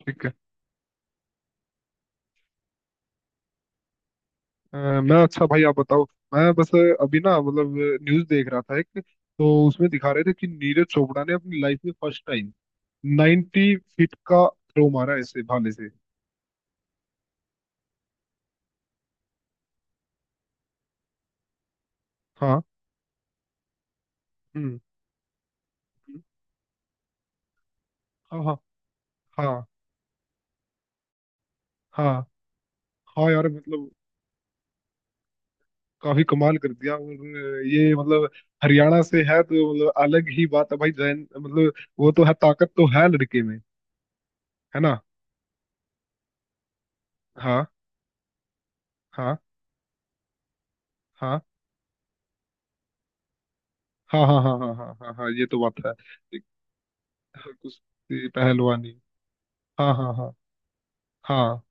ठीक है। अ, मैं अच्छा भाई आप बताओ। मैं बस अभी ना मतलब न्यूज देख रहा था। एक तो उसमें दिखा रहे थे कि नीरज चोपड़ा ने अपनी लाइफ में फर्स्ट टाइम 90 फीट का थ्रो मारा ऐसे भाले से। हाँ। हम्म। हाँ हाँ हाँ हाँ हाँ यार मतलब काफी कमाल कर दिया और ये मतलब हरियाणा से है तो मतलब अलग ही बात है भाई जैन मतलब वो तो है ताकत तो है लड़के में। है ना। हाँ हाँ हाँ हाँ हाँ हाँ हाँ हाँ हाँ हाँ ये तो बात है। हाँ, कुश्ती पहलवानी। हाँ हाँ हाँ हाँ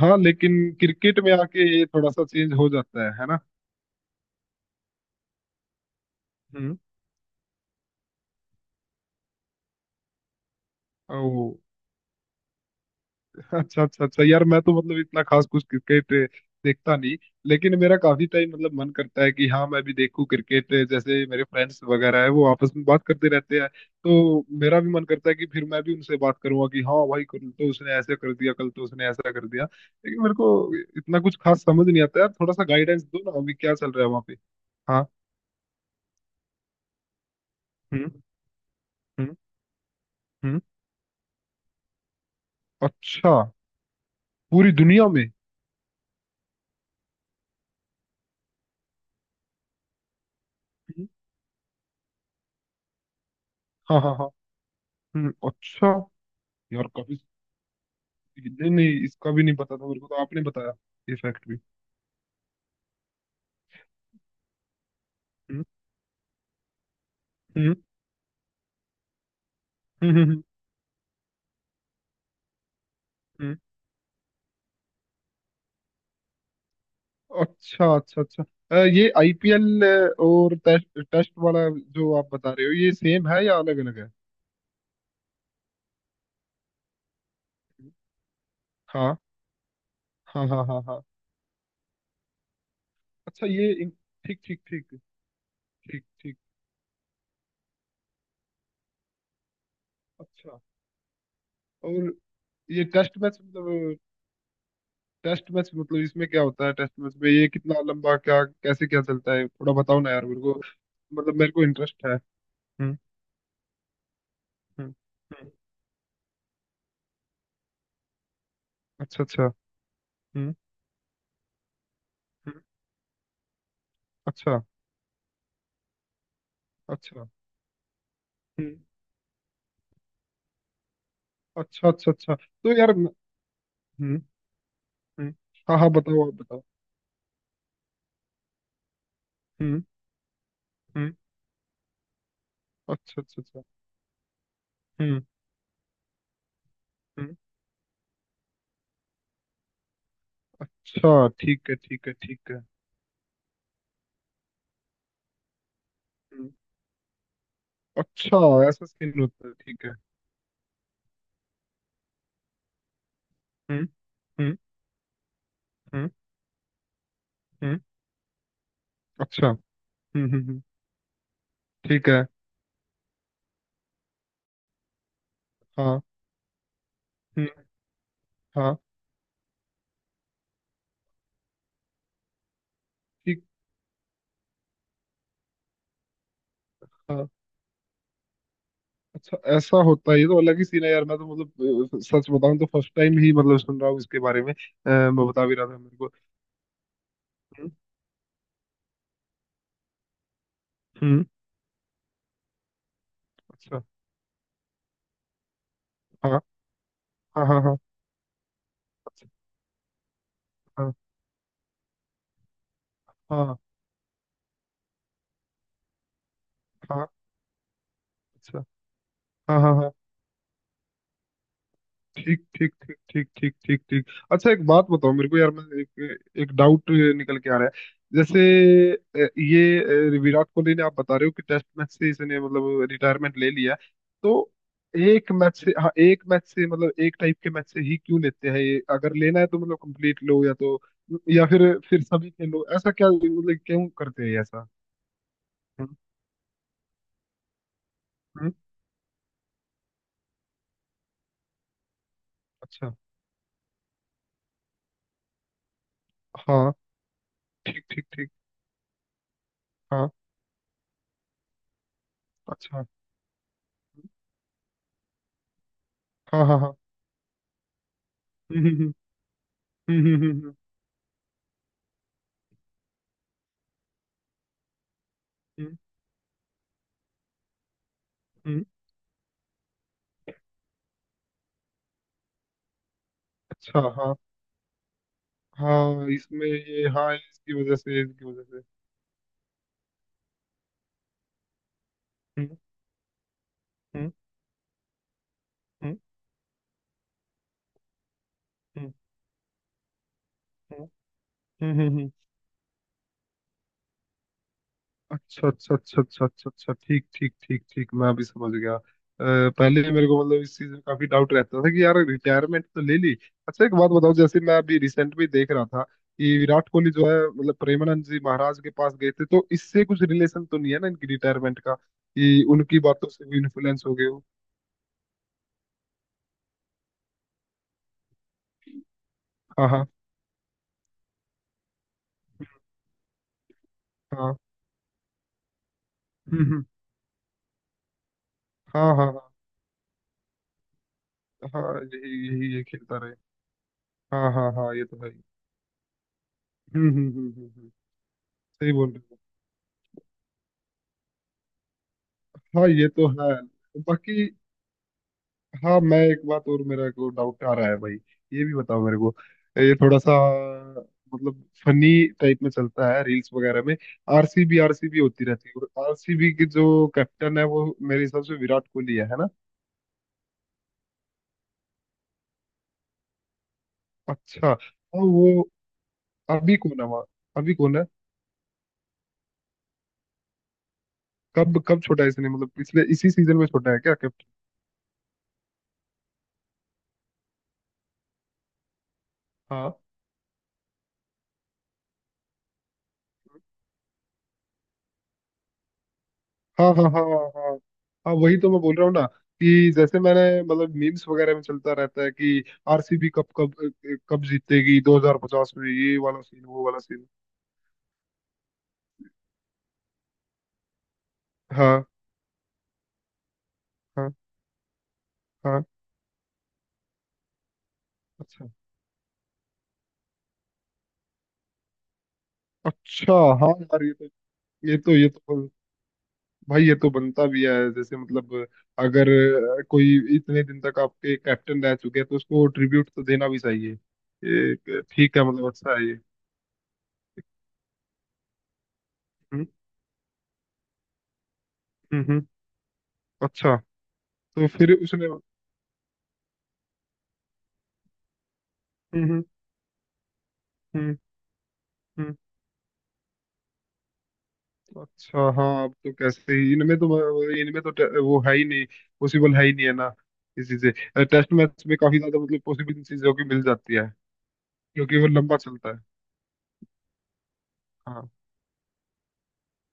हाँ लेकिन क्रिकेट में आके ये थोड़ा सा चेंज हो जाता है ना। हम्म। ओ, अच्छा अच्छा अच्छा यार मैं तो मतलब इतना खास कुछ क्रिकेट देखता नहीं। लेकिन मेरा काफी टाइम मतलब मन करता है कि हाँ मैं भी देखूं क्रिकेट जैसे मेरे फ्रेंड्स वगैरह है वो आपस में बात करते रहते हैं तो मेरा भी मन करता है कि फिर मैं भी उनसे बात करूंगा कि हाँ भाई कल तो उसने ऐसे कर दिया कल तो उसने ऐसा कर दिया। लेकिन मेरे को इतना कुछ खास समझ नहीं आता यार थोड़ा सा गाइडेंस दो ना अभी क्या चल रहा है वहाँ पे। हाँ। हम्म। हम्म। हम्म। अच्छा। पूरी दुनिया में। हम्म, हाँ हाँ हाँ। अच्छा। यार काफी। नहीं नहीं इसका भी नहीं पता था मेरे को तो आपने बताया। ये फैक्ट भी। हम्म हम्म हम्म हम्म, हम्म, अच्छा अच्छा अच्छा। ये आईपीएल और टेस्ट टेस्ट वाला जो आप बता रहे हो ये सेम है या अलग अलग है? हाँ हाँ हाँ हाँ हाँ। अच्छा ये ठीक ठीक ठीक। ठीक ठीक। अच्छा। और ये टेस्ट मैच मतलब इसमें क्या होता है टेस्ट मैच में ये कितना लंबा क्या कैसे क्या चलता है थोड़ा बताओ ना यार मेरे को। मतलब मेरे को इंटरेस्ट है। हम्म। हम्म। हम्म, अच्छा अच्छा। हम्म, अच्छा अच्छा। हम्म। अच्छा अच्छा अच्छा तो यार हम्म। हम्म। हाँ हाँ बताओ आप बताओ। हम्म। हम्म। अच्छा अच्छा अच्छा। हम्म। हम्म। अच्छा ठीक है ठीक है ठीक है। हम्म। अच्छा ऐसा सीन होता है ठीक है। हम्म। हम्म। हम्म। हम्म। अच्छा। हम्म हम्म हम्म, ठीक है। हाँ। हम्म। हाँ। ठीक। हाँ। अच्छा ऐसा होता है ये तो अलग ही सीन है यार मैं तो मतलब सच बताऊं तो फर्स्ट टाइम ही मतलब सुन रहा हूँ इसके बारे में मैं बता भी रहा था मेरे को। हम्म। हम्म, अच्छा। हाँ हाँ हाँ हाँ हाँ हाँ हाँ। अच्छा। हाँ हाँ हाँ। ठीक ठीक ठीक ठीक ठीक ठीक ठीक। अच्छा एक बात बताओ मेरे को यार मैं एक एक डाउट निकल के आ रहा है। जैसे ये विराट कोहली ने आप बता रहे हो कि टेस्ट मैच से इसने मतलब रिटायरमेंट ले लिया। तो एक मैच से हाँ एक मैच से मतलब एक टाइप के मैच से ही क्यों लेते हैं ये अगर लेना है तो मतलब कंप्लीट लो या तो या फिर सभी खेलो ऐसा क्या मतलब क्यों करते हैं ये ऐसा? हम्म। हम्म, अच्छा। हाँ। ठीक ठीक ठीक। हाँ। अच्छा। हाँ हाँ हाँ हम्म हम्म हम्म हम्म हम्म हम्म, हम्म, हम्म, अच्छा। हाँ हाँ इसमें ये हाँ इसकी वजह से इसकी वजह से। हम्म हम्म हम्म हम्म हम्म हम्म, हम्म, हम्म। अच्छा अच्छा अच्छा अच्छा अच्छा अच्छा ठीक ठीक ठीक ठीक मैं अभी समझ गया पहले मेरे को मतलब इस चीज में काफी डाउट रहता था कि यार रिटायरमेंट तो ले ली। अच्छा एक बात बताओ जैसे मैं अभी रिसेंट में देख रहा था कि विराट कोहली जो है मतलब प्रेमानंद जी महाराज के पास गए थे तो इससे कुछ रिलेशन तो नहीं है ना इनकी रिटायरमेंट का कि उनकी बातों से भी इन्फ्लुएंस हो गए हो? हाँ हाँ हाँ। हम्म हम्म, हाँ हाँ हाँ। हाँ यही यही ये खेलता रहे। हाँ हाँ हाँ ये तो है ही। हम्म हम्म हम्म हम्म हम्म, सही बोल रहे हो। हाँ ये तो है। बाकी। हाँ मैं एक बात और मेरा को डाउट आ रहा है भाई ये भी बताओ मेरे को। ये थोड़ा सा मतलब फनी टाइप में चलता है रील्स वगैरह में आरसीबी आरसीबी होती रहती है और आरसीबी की जो कैप्टन है वो मेरे हिसाब से विराट कोहली है ना? अच्छा और वो अभी कौन है वहाँ। अभी कौन है? कब कब छोटा है इसने मतलब पिछले इसी सीजन में छोटा है क्या? हाँ हाँ हाँ हाँ हाँ। हाँ वही तो मैं बोल रहा हूँ ना कि जैसे मैंने मतलब मीम्स वगैरह में चलता रहता है कि आरसीबी कब कब कब जीतेगी 2050 में ये वाला सीन वो वाला सीन। हाँ हाँ हाँ। अच्छा अच्छा। हाँ यार ये तो ये तो बन- भाई ये तो बनता भी है जैसे मतलब अगर कोई इतने दिन तक आपके कैप्टन रह चुके हैं तो उसको ट्रिब्यूट तो देना भी चाहिए। ये ठीक है मतलब अच्छा है ये। हम्म हम्म हम्म, अच्छा तो फिर उसने। हम्म हम्म हम्म, अच्छा हाँ अब तो कैसे ही इनमें तो वो है ही नहीं। पॉसिबल है ही नहीं है ना। इसी से टेस्ट मैच में काफी ज्यादा मतलब पॉसिबल चीजों की मिल जाती है क्योंकि वो लंबा चलता है। हाँ।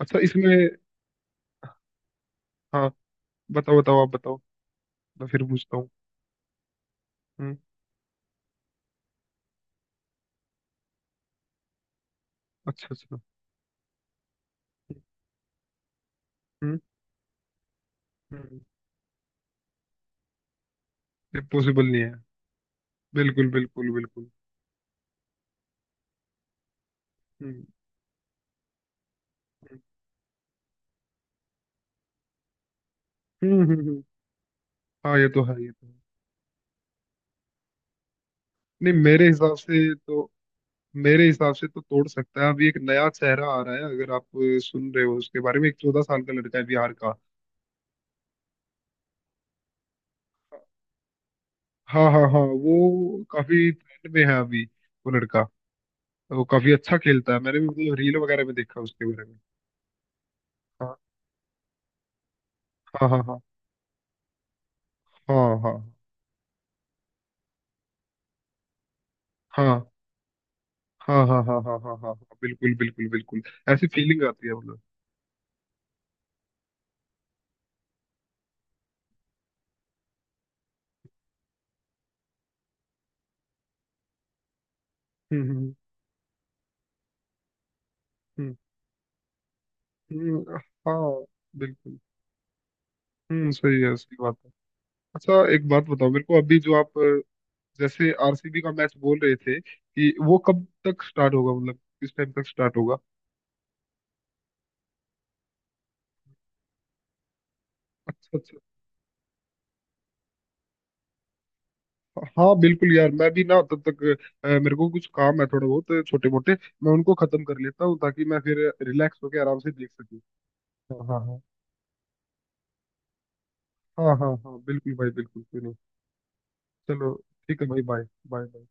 अच्छा इसमें। हाँ बताओ बताओ आप बताओ। मैं फिर पूछता हूँ। हम्म। अच्छा अच्छा। हम्म। हम्म। ये पॉसिबल नहीं है। बिल्कुल बिल्कुल बिल्कुल। हम्म हम्म हम्म हम्म, हम्म, हाँ ये तो है ये तो है। नहीं मेरे हिसाब से तो तोड़ सकता है अभी एक नया चेहरा आ रहा है अगर आप सुन रहे हो उसके बारे में एक 14 साल का लड़का है बिहार का। हाँ हाँ हाँ वो काफी ट्रेंड में है अभी वो लड़का। वो काफी अच्छा खेलता है मैंने भी मतलब रील वगैरह में देखा उसके बारे में। हाँ हाँ हाँ हाँ हाँ हाँ हाँ हाँ। हाँ हाँ हाँ हाँ हाँ हाँ, बिल्कुल बिल्कुल बिल्कुल। ऐसी फीलिंग आती है मतलब। हम्म हम्म हम्म हम्म, हाँ बिल्कुल। सही है सही बात है। अच्छा एक बात बताओ मेरे को अभी जो आप जैसे आरसीबी का मैच बोल रहे थे कि वो कब तक स्टार्ट होगा मतलब किस टाइम तक स्टार्ट होगा? अच्छा अच्छा। हाँ बिल्कुल यार मैं भी ना तब तक मेरे को कुछ काम है थोड़ा बहुत छोटे मोटे मैं उनको खत्म कर लेता हूँ ताकि मैं फिर रिलैक्स होकर आराम से देख सकूँ। हाँ हाँ हाँ हाँ हाँ हाँ बिल्कुल भाई बिल्कुल क्यों नहीं। चलो ठीक है भाई बाय। बाय।